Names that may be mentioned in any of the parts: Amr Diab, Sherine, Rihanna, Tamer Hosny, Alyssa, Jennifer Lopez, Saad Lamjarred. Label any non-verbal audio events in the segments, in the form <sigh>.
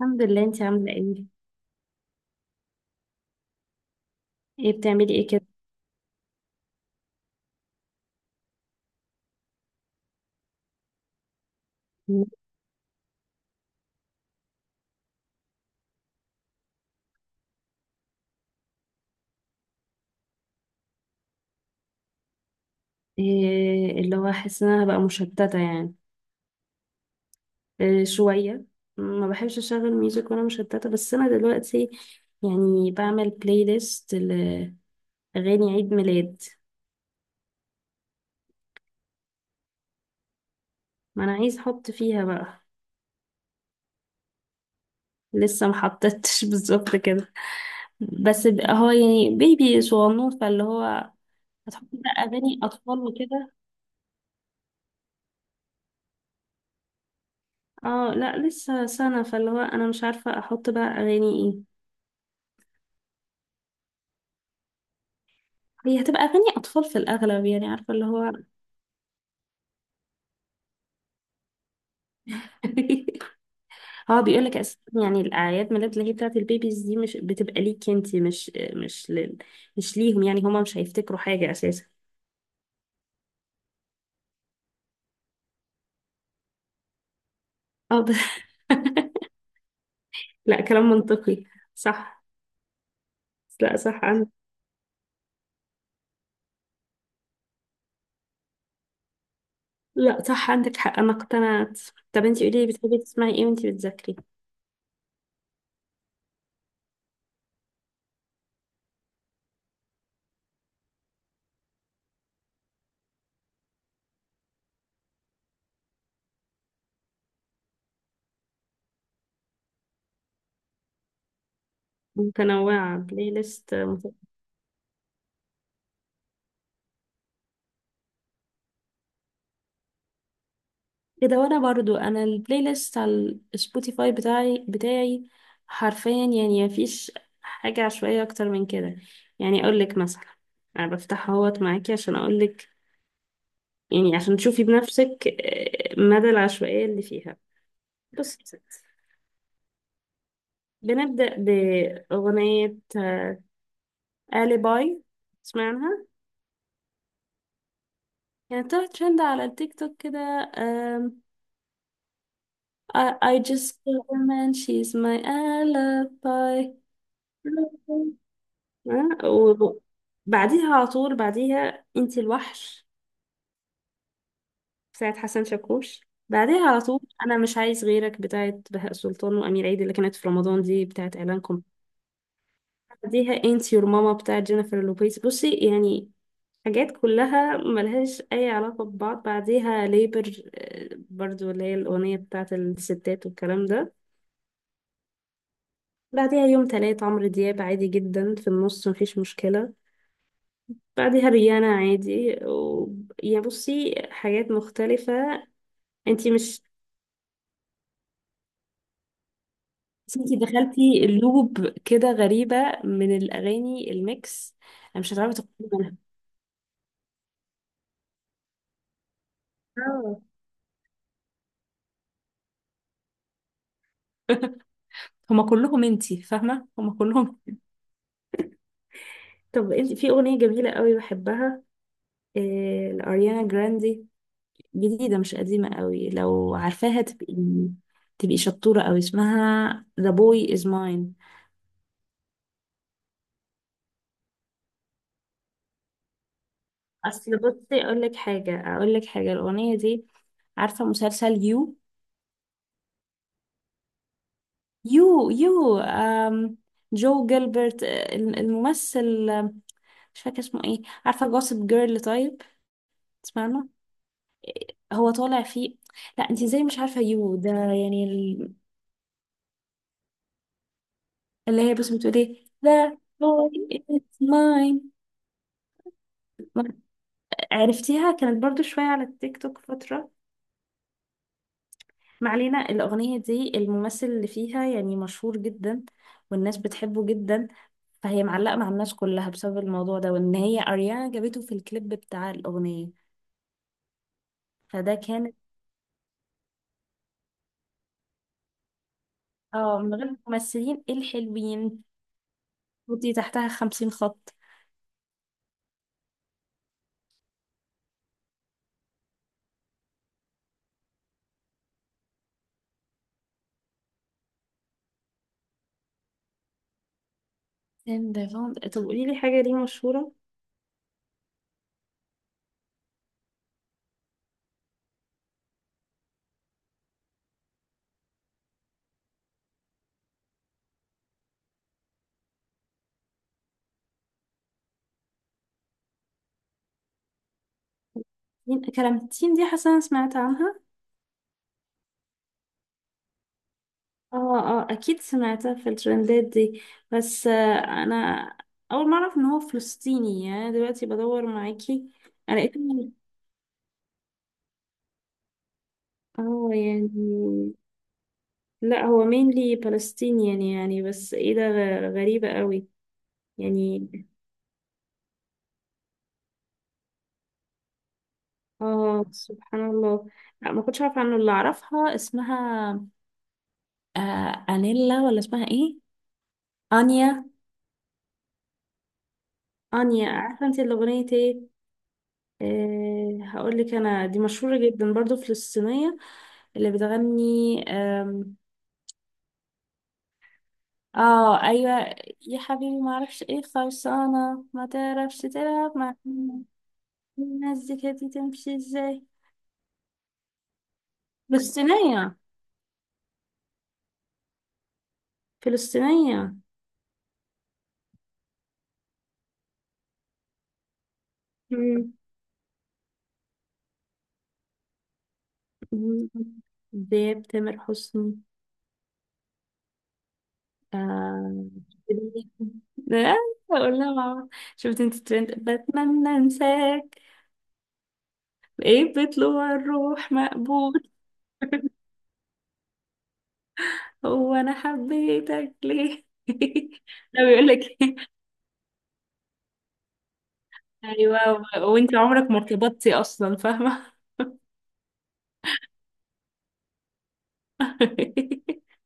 الحمد لله، انت عامله ايه؟ ايه بتعملي ايه كده؟ إيه اللي هو حاسه ان انا هبقى مشتته يعني؟ إيه، شويه. ما بحبش اشغل ميوزك وانا مشتته، بس انا دلوقتي يعني بعمل بلاي ليست لاغاني عيد ميلاد. ما انا عايز احط فيها بقى. لسه ما حطيتش <laughs> بالظبط كده. بس هو يعني بيبي صغنون فاللي هو هتحط بقى اغاني اطفال وكده. اه لا، لسه سنه فاللي هو انا مش عارفه احط بقى اغاني ايه. هي هتبقى أغاني أطفال في الأغلب، يعني عارفة اللي هو. <laughs> هو بيقول لك أساسا يعني الأعياد ميلاد اللي هي بتاعة البيبيز دي مش بتبقى ليكي، أنتي مش مش ليهم، يعني هما مش هيفتكروا حاجة أساسا. اه ده. <laughs> لا، كلام منطقي. صح. لا صح عندك. لا صح عندك حق، أنا اقتنعت. طب أنتي قولي لي بتحبي تسمعي إيه وأنتي بتذاكري؟ متنوعة بلاي ليست كده. وانا برضو انا البلاي ليست على السبوتيفاي بتاعي حرفيا يعني مفيش حاجة عشوائية اكتر من كده. يعني اقول لك مثلا، انا بفتحها اهوت معاكي عشان اقول لك، يعني عشان تشوفي بنفسك مدى العشوائية اللي فيها. بصي يا ستي، بنبدأ بأغنية آلي باي، سمعناها. يعني طلعت ترند على التيك توك كده. آم، I just kill a man she's my alibi. آه، وبعديها على طول بعديها انتي الوحش بتاعت حسن شاكوش. بعديها على طول انا مش عايز غيرك بتاعت بهاء سلطان وامير عيد اللي كانت في رمضان دي بتاعت اعلان كم. بعديها انتي يور ماما بتاعت جينيفر لوبيز. بصي يعني حاجات كلها ملهاش اي علاقة ببعض. بعديها ليبر برضو اللي هي الاغنية بتاعت الستات والكلام ده. بعديها يوم تلات عمرو دياب عادي جدا في النص، مفيش مشكلة. بعدها ريانا عادي يعني بصي حاجات مختلفة. انتي مش. بس انتي دخلتي لوب كده غريبة من الأغاني الميكس، أنا مش هتعرفي تخرجي منها. آه. <laughs> هما كلهم، انتي فاهمة، هما كلهم. طب انتي في أغنية جميلة قوي بحبها، لأريانا جراندي، جديدة مش قديمة قوي. لو عارفاها تبقي شطورة قوي. اسمها The Boy Is Mine. أصل بصي أقول لك حاجة الأغنية دي. عارفة مسلسل يو جو جيلبرت، الممثل، مش فاكرة اسمه ايه. عارفة جوسب جيرل؟ طيب، تسمعنا. هو طالع فيه. لا انت ازاي مش عارفة يو ده، يعني اللي هي بس بتقول ايه ده هو it's mine. عرفتيها؟ كانت برضو شوية على التيك توك فترة. ما علينا، الأغنية دي الممثل اللي فيها يعني مشهور جدا والناس بتحبه جدا. فهي معلقة مع الناس كلها بسبب الموضوع ده، وإن هي أريانا جابته في الكليب بتاع الأغنية، فده كان. اه من غير الممثلين الحلوين. خطي تحتها 50 خط. طب قولي لي حاجة، دي مشهورة؟ مين كلامتين دي؟ حاسة أنا سمعت عنها. اه اه، أكيد سمعتها في الترندات دي. بس أنا أول مرة أعرف إن هو فلسطيني، يعني دلوقتي بدور معاكي. انا لقيت. اه يعني، لا هو مينلي فلسطينيان يعني بس ايه ده، غريبة قوي يعني. اه سبحان الله. لا، ما كنتش عارفة عنه. اللي اعرفها اسمها انيلا ولا اسمها ايه؟ انيا. انيا، عارفة انت الاغنية ايه؟ هقول لك انا، دي مشهورة جدا برضو فلسطينية. اللي بتغني اه ايوه. يا حبيبي ما اعرفش ايه خلصانة ما تعرفش تلعب مع. الناس دي كانت تمشي ازاي؟ فلسطينية. فلسطينية. مم. مم. دياب، تامر حسني. آه. <laughs> لا، اقول لها ماما. شفت انت الترند بتمنى انساك؟ ايه بطلوع الروح مقبول. هو انا حبيتك ليه <laughs> لا، بيقول لك <laughs> إيه؟ ايوه وانت عمرك ما ارتبطتي اصلا، فاهمه. <laughs>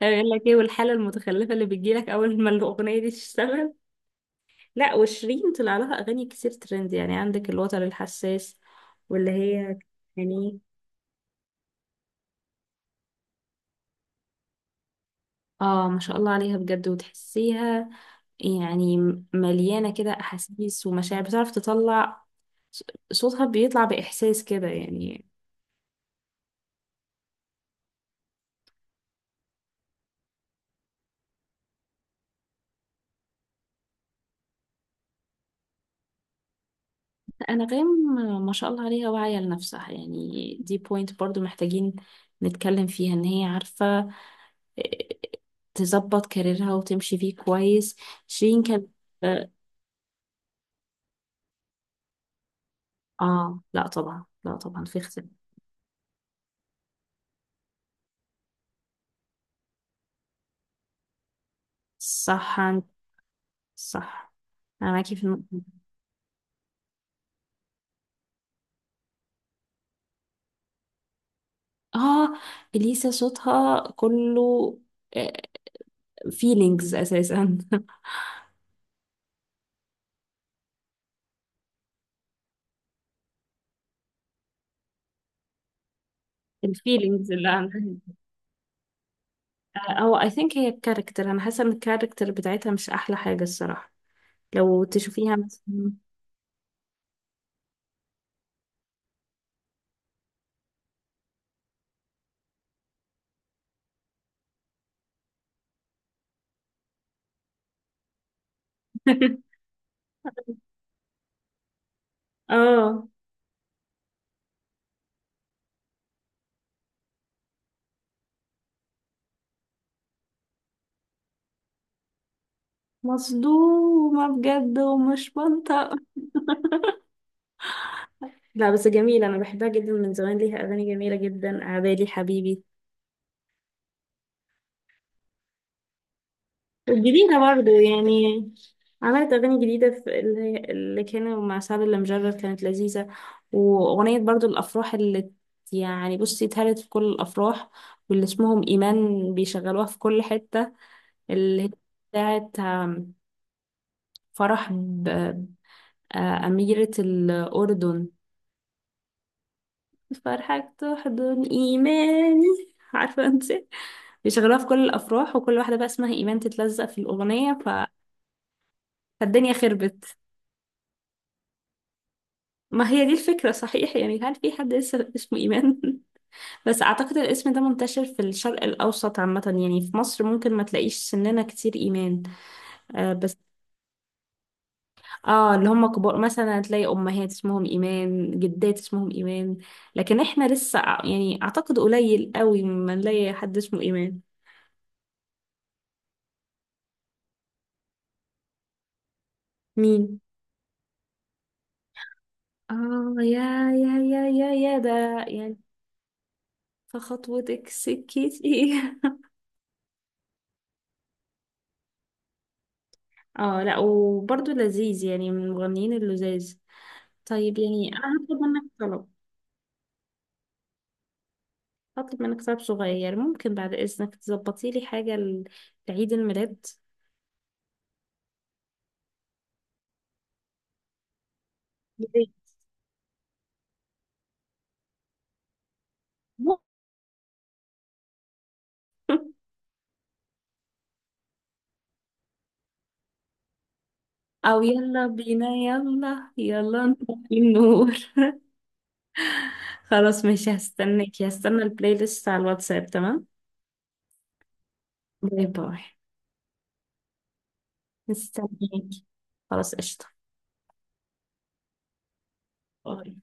بيقول لك ايه والحاله المتخلفه اللي بتجيلك اول ما الاغنيه دي تشتغل. لا، وشيرين طلع لها اغاني كتير ترند، يعني عندك الوتر الحساس واللي هي يعني. اه ما شاء الله عليها بجد، وتحسيها يعني مليانة كده احاسيس ومشاعر بتعرف تطلع. ص- صوتها بيطلع باحساس كده يعني. انغام ما شاء الله عليها، واعية لنفسها، يعني دي بوينت برضو محتاجين نتكلم فيها ان هي عارفة آه، تظبط كاريرها وتمشي فيه كويس. شيرين كان. اه. لا طبعا لا طبعا في اختلاف. صح انت. صح. انا معاكي في النقطة دي. اه، اليسا صوتها كله فيلينجز اساسا. <laughs> الفيلينجز اللي عندها دي. او اي ثينك هي الكاركتر، انا حاسه ان الكاركتر بتاعتها مش احلى حاجه الصراحه. لو تشوفيها مثلا. <laughs> اه مصدومه بجد ومش منطق. لا بس جميله، انا بحبها جدا من زمان. ليها اغاني جميله جدا، عبالي حبيبي. جديدة برضه يعني. عملت أغاني جديدة، في اللي كانوا مع سعد اللي مجرد كانت لذيذة. وأغنية برضه الأفراح اللي يعني بصي اتهرت في كل الأفراح واللي اسمهم إيمان بيشغلوها في كل حتة. اللي هي بتاعت فرح أميرة الأردن. فرحك تحضن إيماني <laughs> عارفة أنت، بيشغلوها في كل الأفراح وكل واحدة بقى اسمها إيمان تتلزق في الأغنية فالدنيا خربت. ما هي دي الفكرة، صحيح، يعني هل في حد لسه اسمه إيمان؟ <laughs> بس أعتقد الاسم ده منتشر في الشرق الأوسط عامة، يعني في مصر ممكن ما تلاقيش سننا كتير إيمان. آه بس، آه اللي هم كبار مثلا تلاقي أمهات اسمهم إيمان، جدات اسمهم إيمان. لكن إحنا لسه يعني أعتقد قليل قوي ما نلاقي حد اسمه إيمان. مين؟ آه يا يا يا يا يا ده يعني. فخطوتك سكتي. <laughs> اه لا، وبرضه لذيذ يعني من المغنيين اللذاذ. طيب يعني انا هطلب منك طلب. هطلب منك طلب صغير، ممكن بعد اذنك تظبطي لي حاجه لعيد الميلاد؟ يا ريت. <laughs> او يلا بينا يلا يلا نطفي النور. <laughs> خلاص ماشي، هستناكي، هستنى البلاي ليست على الواتساب، تمام. باي باي. مستنياكي. خلاص قشطه. باي.